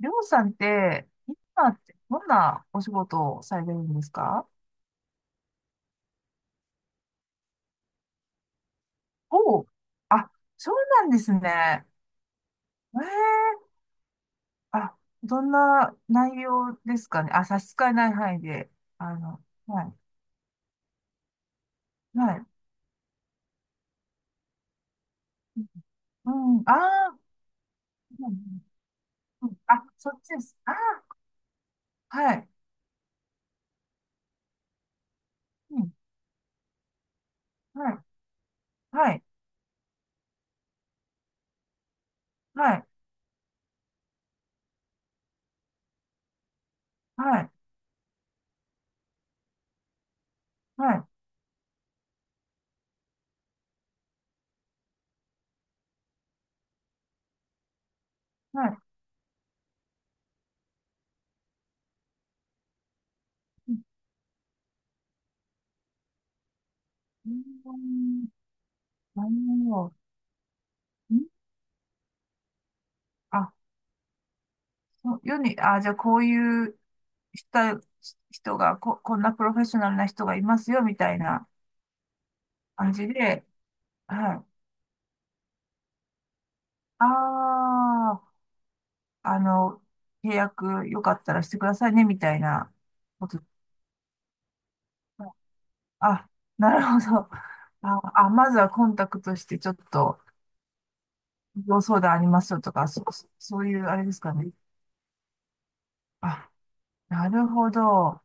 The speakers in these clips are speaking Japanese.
りょうさんって、今ってどんなお仕事をされてるんですか？おう、あ、そうなんですね。ええ、あ、どんな内容ですかね。あ、差し支えない範囲で。あの、はい、はい。うん、ああ、うんうん、あ、そっちです。ああ、はい、うん、はい、はい、はい、はい、はい、はい。うん、うん、なるほど。うん、あ、世に、あ、じゃあこういう人、人がこんなプロフェッショナルな人がいますよ、みたいな感じで。はい。ああ、あの、契約よかったらしてくださいね、みたいなこと。あ、なるほど。あ、あ、まずはコンタクトして、ちょっと、ご相談ありますよとか、そういうあれですかね。あ、なるほど。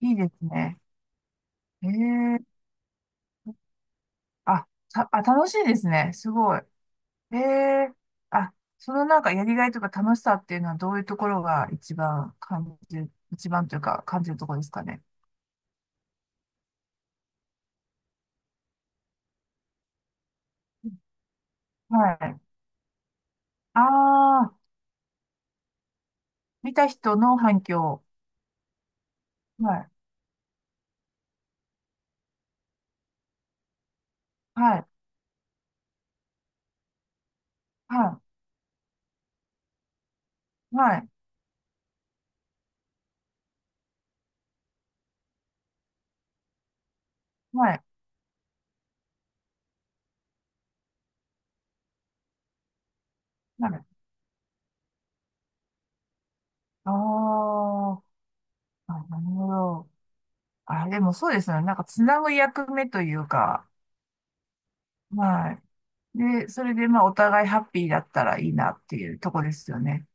いいですね。ええ、あ、あ、楽しいですね。すごい。へえ。あ、そのなんかやりがいとか楽しさっていうのはどういうところが一番感じる、一番というか感じるところですかね。はい。ああ、見た人の反響。はい。はい。はい。はい。はい。はい。あー、あ、なるほど。あ、でもそうですよね。なんかつなぐ役目というか。はい。で、それでまあお互いハッピーだったらいいなっていうとこですよね。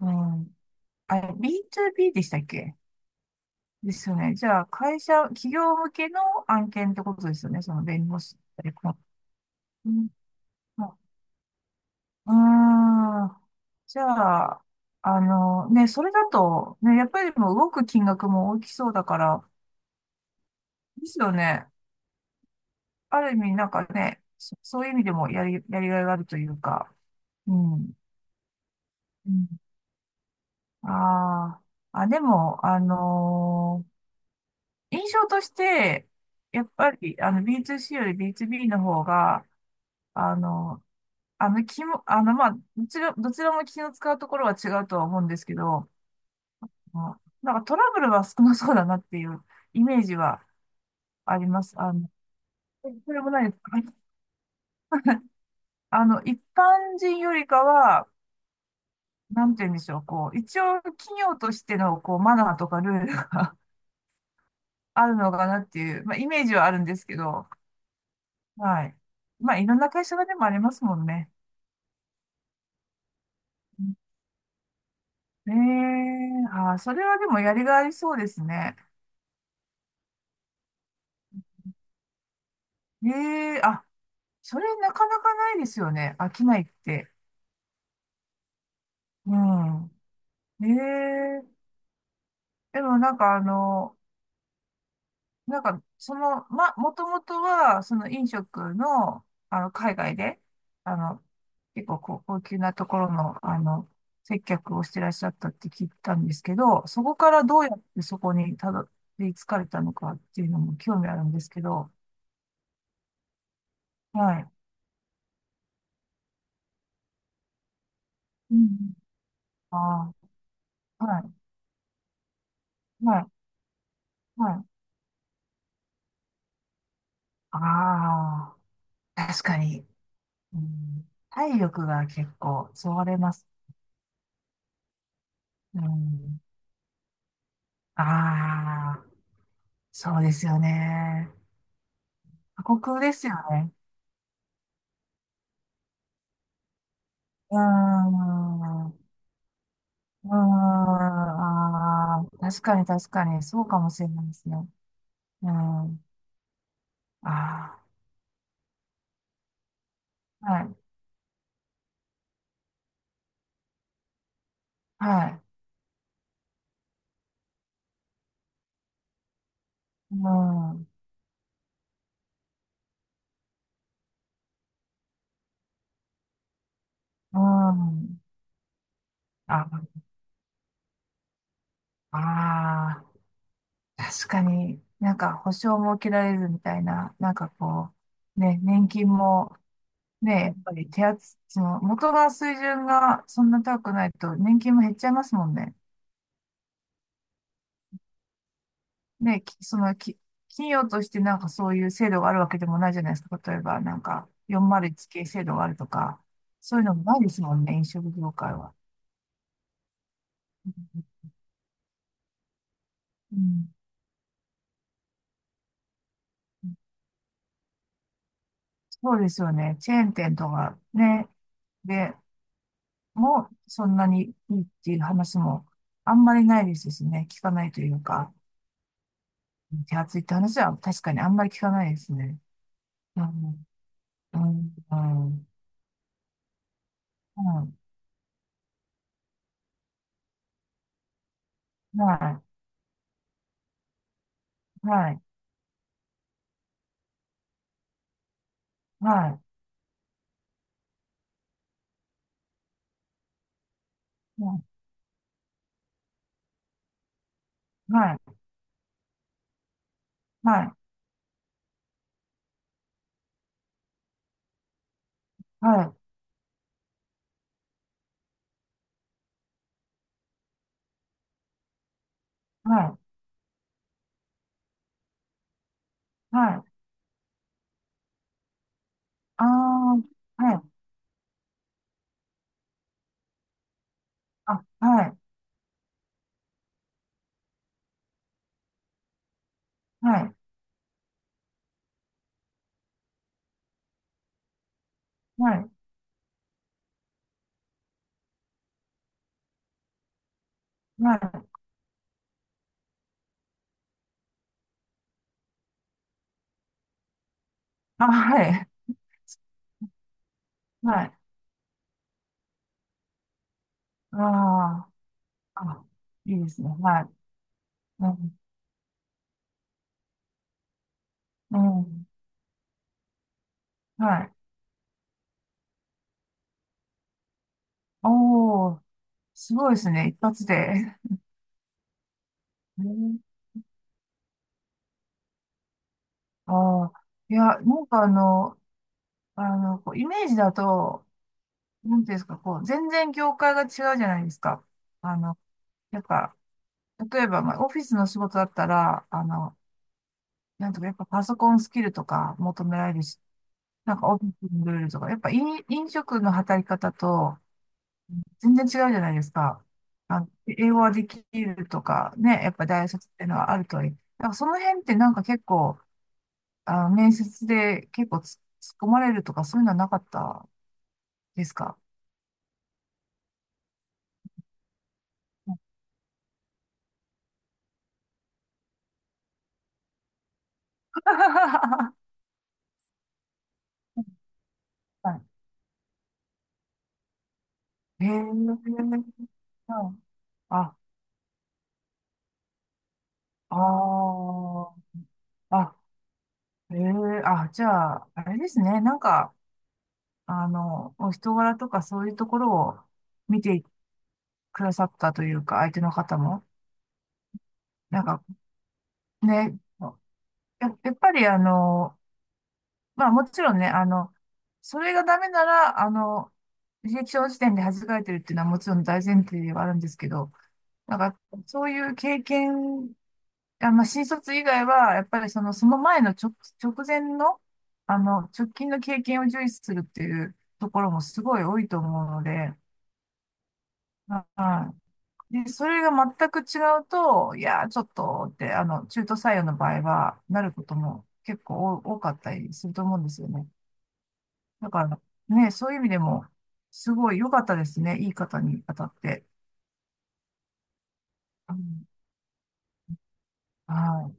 うん。あれ、B2B でしたっけ？ですよね。じゃあ、会社、企業向けの案件ってことですよね。その弁護士ってこう。うん、あ、うーん、じゃあ、ね、それだと、ね、やっぱりもう動く金額も大きそうだから、ですよね。ある意味、なんかね、そういう意味でもやりがいがあるというか。うん。うん、ああ、あ、でも、印象として、やっぱり、B2C より B2B の方が、あの気も、まあ、どちらも気の使うところは違うとは思うんですけど、まあなんかトラブルは少なそうだなっていうイメージはあります。それもないですか？はい。一般人よりかは、なんて言うんでしょう、こう、一応企業としての、こう、マナーとかルールが あるのかなっていう、まあ、イメージはあるんですけど、はい。まあ、いろんな会社がでもありますもんね。ねえ、あー、それはでもやりがいありそうですね。ええ、あ、それなかなかないですよね。飽きないって。うん。ええ、でもなんかなんかその、ま、もともとは、その飲食の、海外で、あの、結構こう高級なところの、接客をしてらっしゃったって聞いたんですけど、そこからどうやってそこにたどり着かれたのかっていうのも興味あるんですけど、はい。うん。ああ、はい、はい、はい。ああ、確かに。うん、体力が結構そがれます。うん、ああ、そうですよね。過酷ですよね。うーん。うーん。ああ、確かに確かに、そうかもしれないですね。うん。ああ、はい。はい。うん。うん。あ、ああ、確かになんか保証も受けられるみたいな、なんかこう、ね、年金もね、やっぱりその元が水準がそんな高くないと年金も減っちゃいますもんね。ね、きそのき、企業としてなんかそういう制度があるわけでもないじゃないですか。例えばなんか401系制度があるとか、そういうのもないですもんね、飲食業界は。うん、そうですよね。チェーン店とかね、でもそんなにいいっていう話もあんまりないですしね、聞かないというか、手厚いって話は確かにあんまり聞かないですね。うんうん、うん、はい、はい、はい、はい、はい、はい、はい、はい、はい、ああ、はい、あ、はい、はい、はい、はい、あ、はい、はい、ああ、あ、いいですね、はい、うん、うん、はい、おお、すごいですね、一発で。ね、ああ、いや、なんかこうイメージだと、なんていうんですか、こう、全然業界が違うじゃないですか。あの、やっぱ、例えば、まあ、オフィスの仕事だったら、なんとかやっぱパソコンスキルとか求められるし、なんかオフィスのルールとか、やっぱ飲食の働き方と全然違うじゃないですか。英語はできるとか、ね、やっぱ大卒っていうのはあるといい、なんかその辺ってなんか結構、面接で結構突っ込まれるとかそういうのはなかったですか？ はい。へえ、はい、あ、ああ、あ、ええ、あ、じゃあ、あれですね。なんか、お人柄とかそういうところを見てくださったというか、相手の方も。なんかね、やっぱりまあもちろんね、それがダメなら、履歴書の時点で弾かれてるっていうのはもちろん大前提ではあるんですけど、なんか、そういう経験、あ、まあ、新卒以外は、やっぱりその、その前の直前の、直近の経験を重視するっていうところもすごい多いと思うので、はい。で、それが全く違うと、いやー、ちょっとって、中途採用の場合は、なることも結構多かったりすると思うんですよね。だから、ね、そういう意味でも、すごい良かったですね。いい方に当たって。うん、はい。